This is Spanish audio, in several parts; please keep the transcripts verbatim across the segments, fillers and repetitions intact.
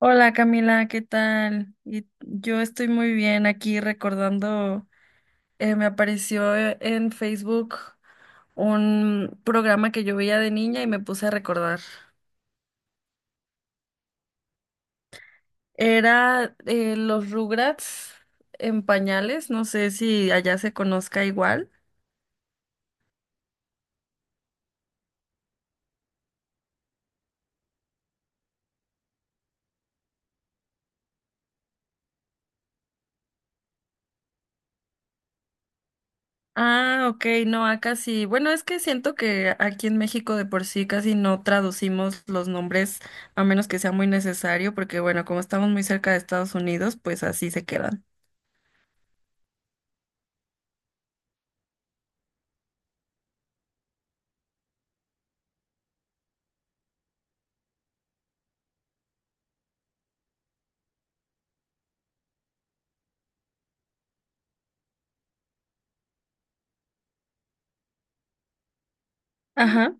Hola Camila, ¿qué tal? Y yo estoy muy bien aquí recordando, eh, me apareció eh, en Facebook un programa que yo veía de niña y me puse a recordar. Era eh, los Rugrats en pañales, no sé si allá se conozca igual. Ah, ok, no, acá sí. Bueno, es que siento que aquí en México de por sí casi no traducimos los nombres a menos que sea muy necesario, porque bueno, como estamos muy cerca de Estados Unidos, pues así se quedan. Ajá.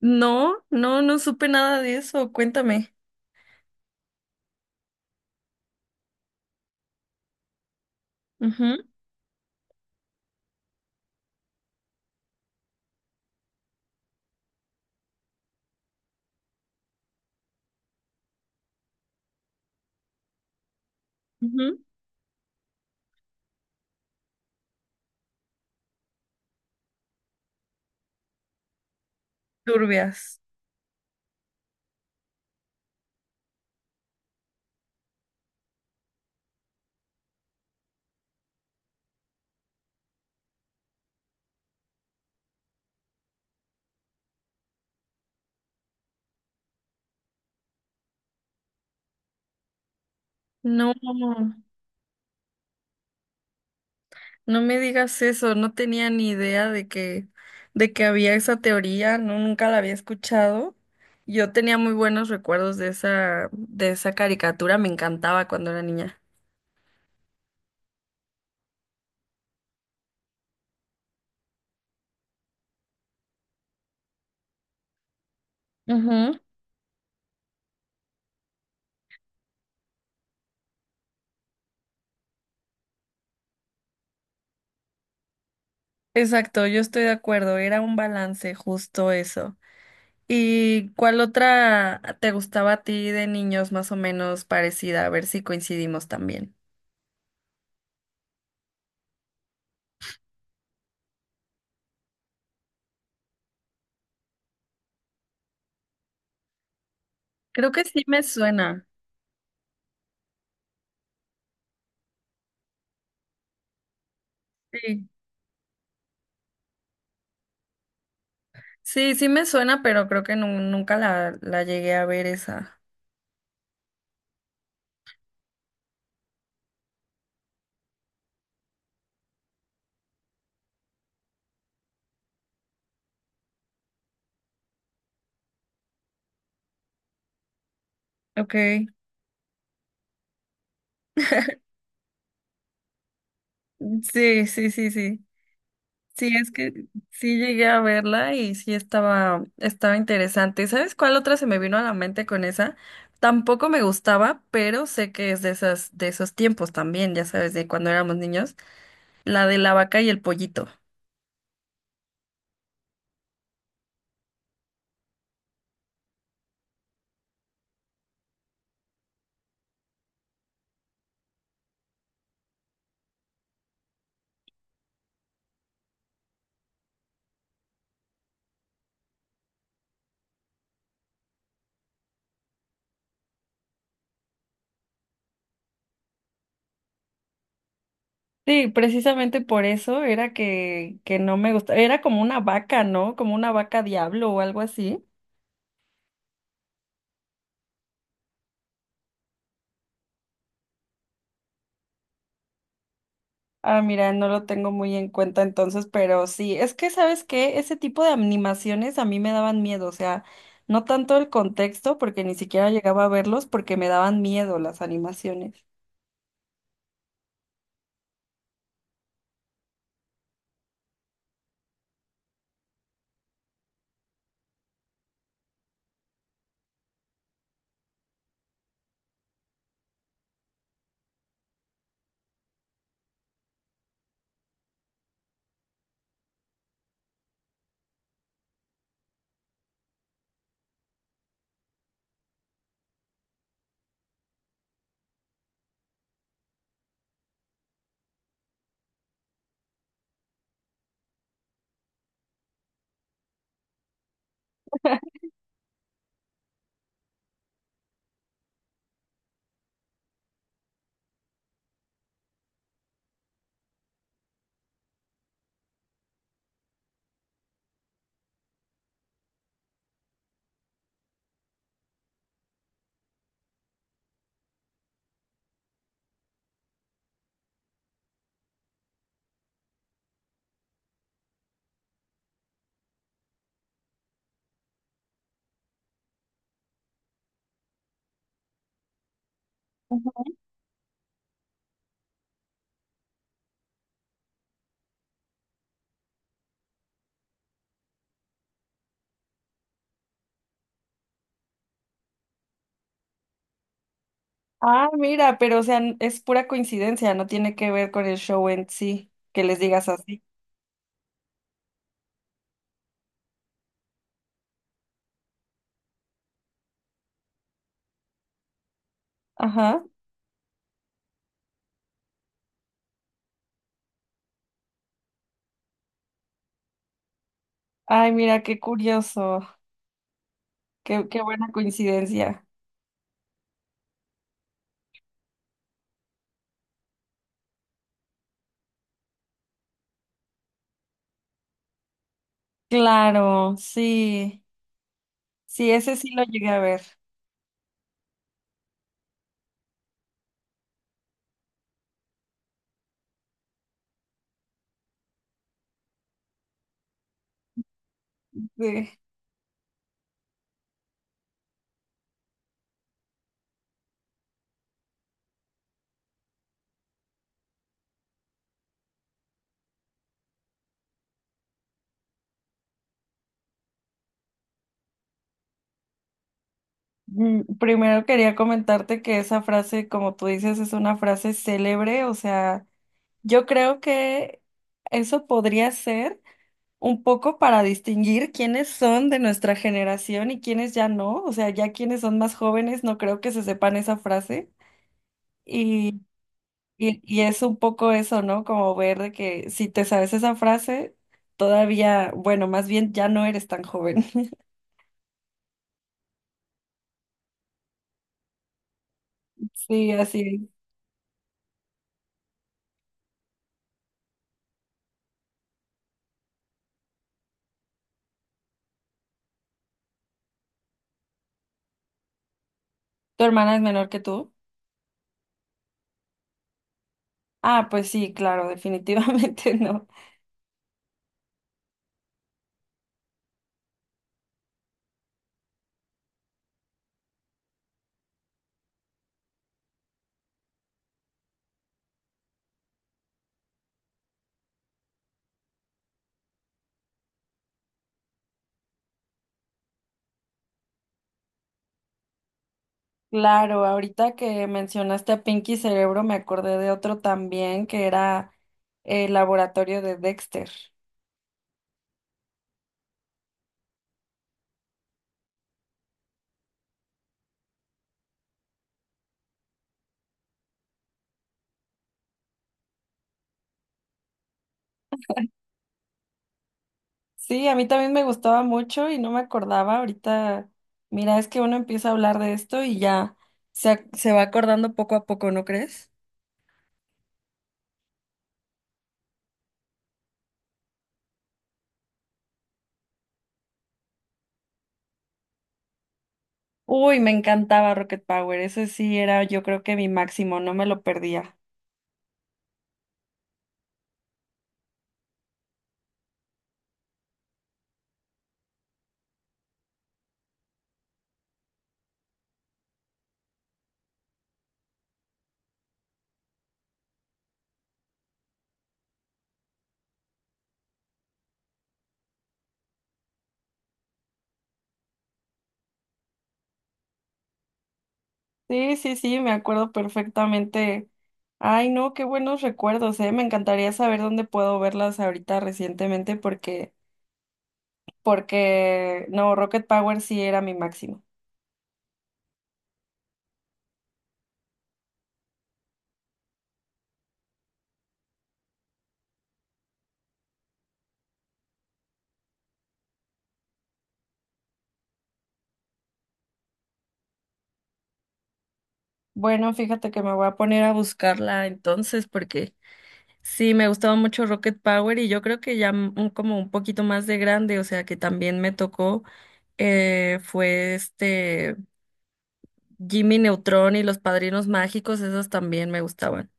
No, no, no supe nada de eso. Cuéntame. Ujú, ujú. Turbias. No, no me digas eso. No tenía ni idea de que, de que había esa teoría. No, nunca la había escuchado. Yo tenía muy buenos recuerdos de esa, de esa caricatura. Me encantaba cuando era niña. Ujú. Exacto, yo estoy de acuerdo. Era un balance, justo eso. ¿Y cuál otra te gustaba a ti de niños más o menos parecida? A ver si coincidimos también. Creo que sí me suena. Sí. Sí, sí me suena, pero creo que nu- nunca la, la llegué a ver esa. Ok. Sí, sí, sí, sí. Sí, es que sí llegué a verla y sí estaba, estaba interesante. ¿Sabes cuál otra se me vino a la mente con esa? Tampoco me gustaba, pero sé que es de esas, de esos tiempos también, ya sabes, de cuando éramos niños, la de la vaca y el pollito. Sí, precisamente por eso era que, que no me gustaba. Era como una vaca, ¿no? Como una vaca diablo o algo así. Ah, mira, no lo tengo muy en cuenta entonces, pero sí, es que sabes que ese tipo de animaciones a mí me daban miedo, o sea, no tanto el contexto, porque ni siquiera llegaba a verlos, porque me daban miedo las animaciones. Ujú. Ah, mira, pero o sea, n- es pura coincidencia, no tiene que ver con el show en sí, que les digas así. Ajá. Ay, mira, qué curioso, qué, qué buena coincidencia. Claro, sí, sí, ese sí lo llegué a ver. Sí. Mm, Primero quería comentarte que esa frase, como tú dices, es una frase célebre, o sea, yo creo que eso podría ser un poco para distinguir quiénes son de nuestra generación y quiénes ya no, o sea, ya quienes son más jóvenes no creo que se sepan esa frase y, y, y es un poco eso, ¿no? Como ver de que si te sabes esa frase, todavía, bueno, más bien ya no eres tan joven. Sí, así es. ¿Tu hermana es menor que tú? Ah, pues sí, claro, definitivamente no. Claro, ahorita que mencionaste a Pinky Cerebro, me acordé de otro también que era el laboratorio de Dexter. Sí, a mí también me gustaba mucho y no me acordaba. Ahorita, mira, es que uno empieza a hablar de esto y ya se, ac- se va acordando poco a poco, ¿no crees? Uy, me encantaba Rocket Power. Ese sí era, yo creo que mi máximo, no me lo perdía. Sí, sí, sí, me acuerdo perfectamente. Ay, no, qué buenos recuerdos, eh. Me encantaría saber dónde puedo verlas ahorita recientemente porque, porque, no, Rocket Power sí era mi máximo. Bueno, fíjate que me voy a poner a buscarla entonces porque sí, me gustaba mucho Rocket Power y yo creo que ya mm, como un poquito más de grande, o sea que también me tocó, eh, fue este Jimmy Neutron y los Padrinos Mágicos, esas también me gustaban.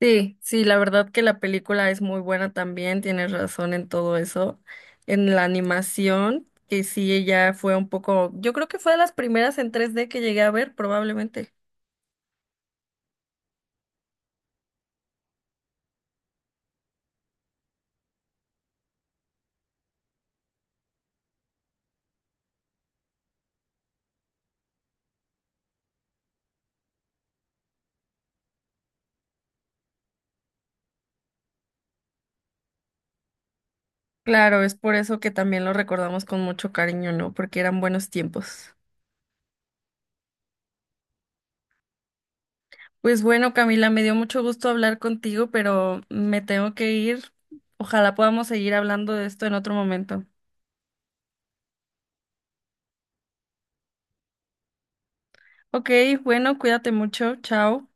Sí, sí, la verdad que la película es muy buena también, tienes razón en todo eso. En la animación, que sí, ella fue un poco, yo creo que fue de las primeras en tres D que llegué a ver, probablemente. Claro, es por eso que también lo recordamos con mucho cariño, ¿no? Porque eran buenos tiempos. Pues bueno, Camila, me dio mucho gusto hablar contigo, pero me tengo que ir. Ojalá podamos seguir hablando de esto en otro momento. Ok, bueno, cuídate mucho, chao.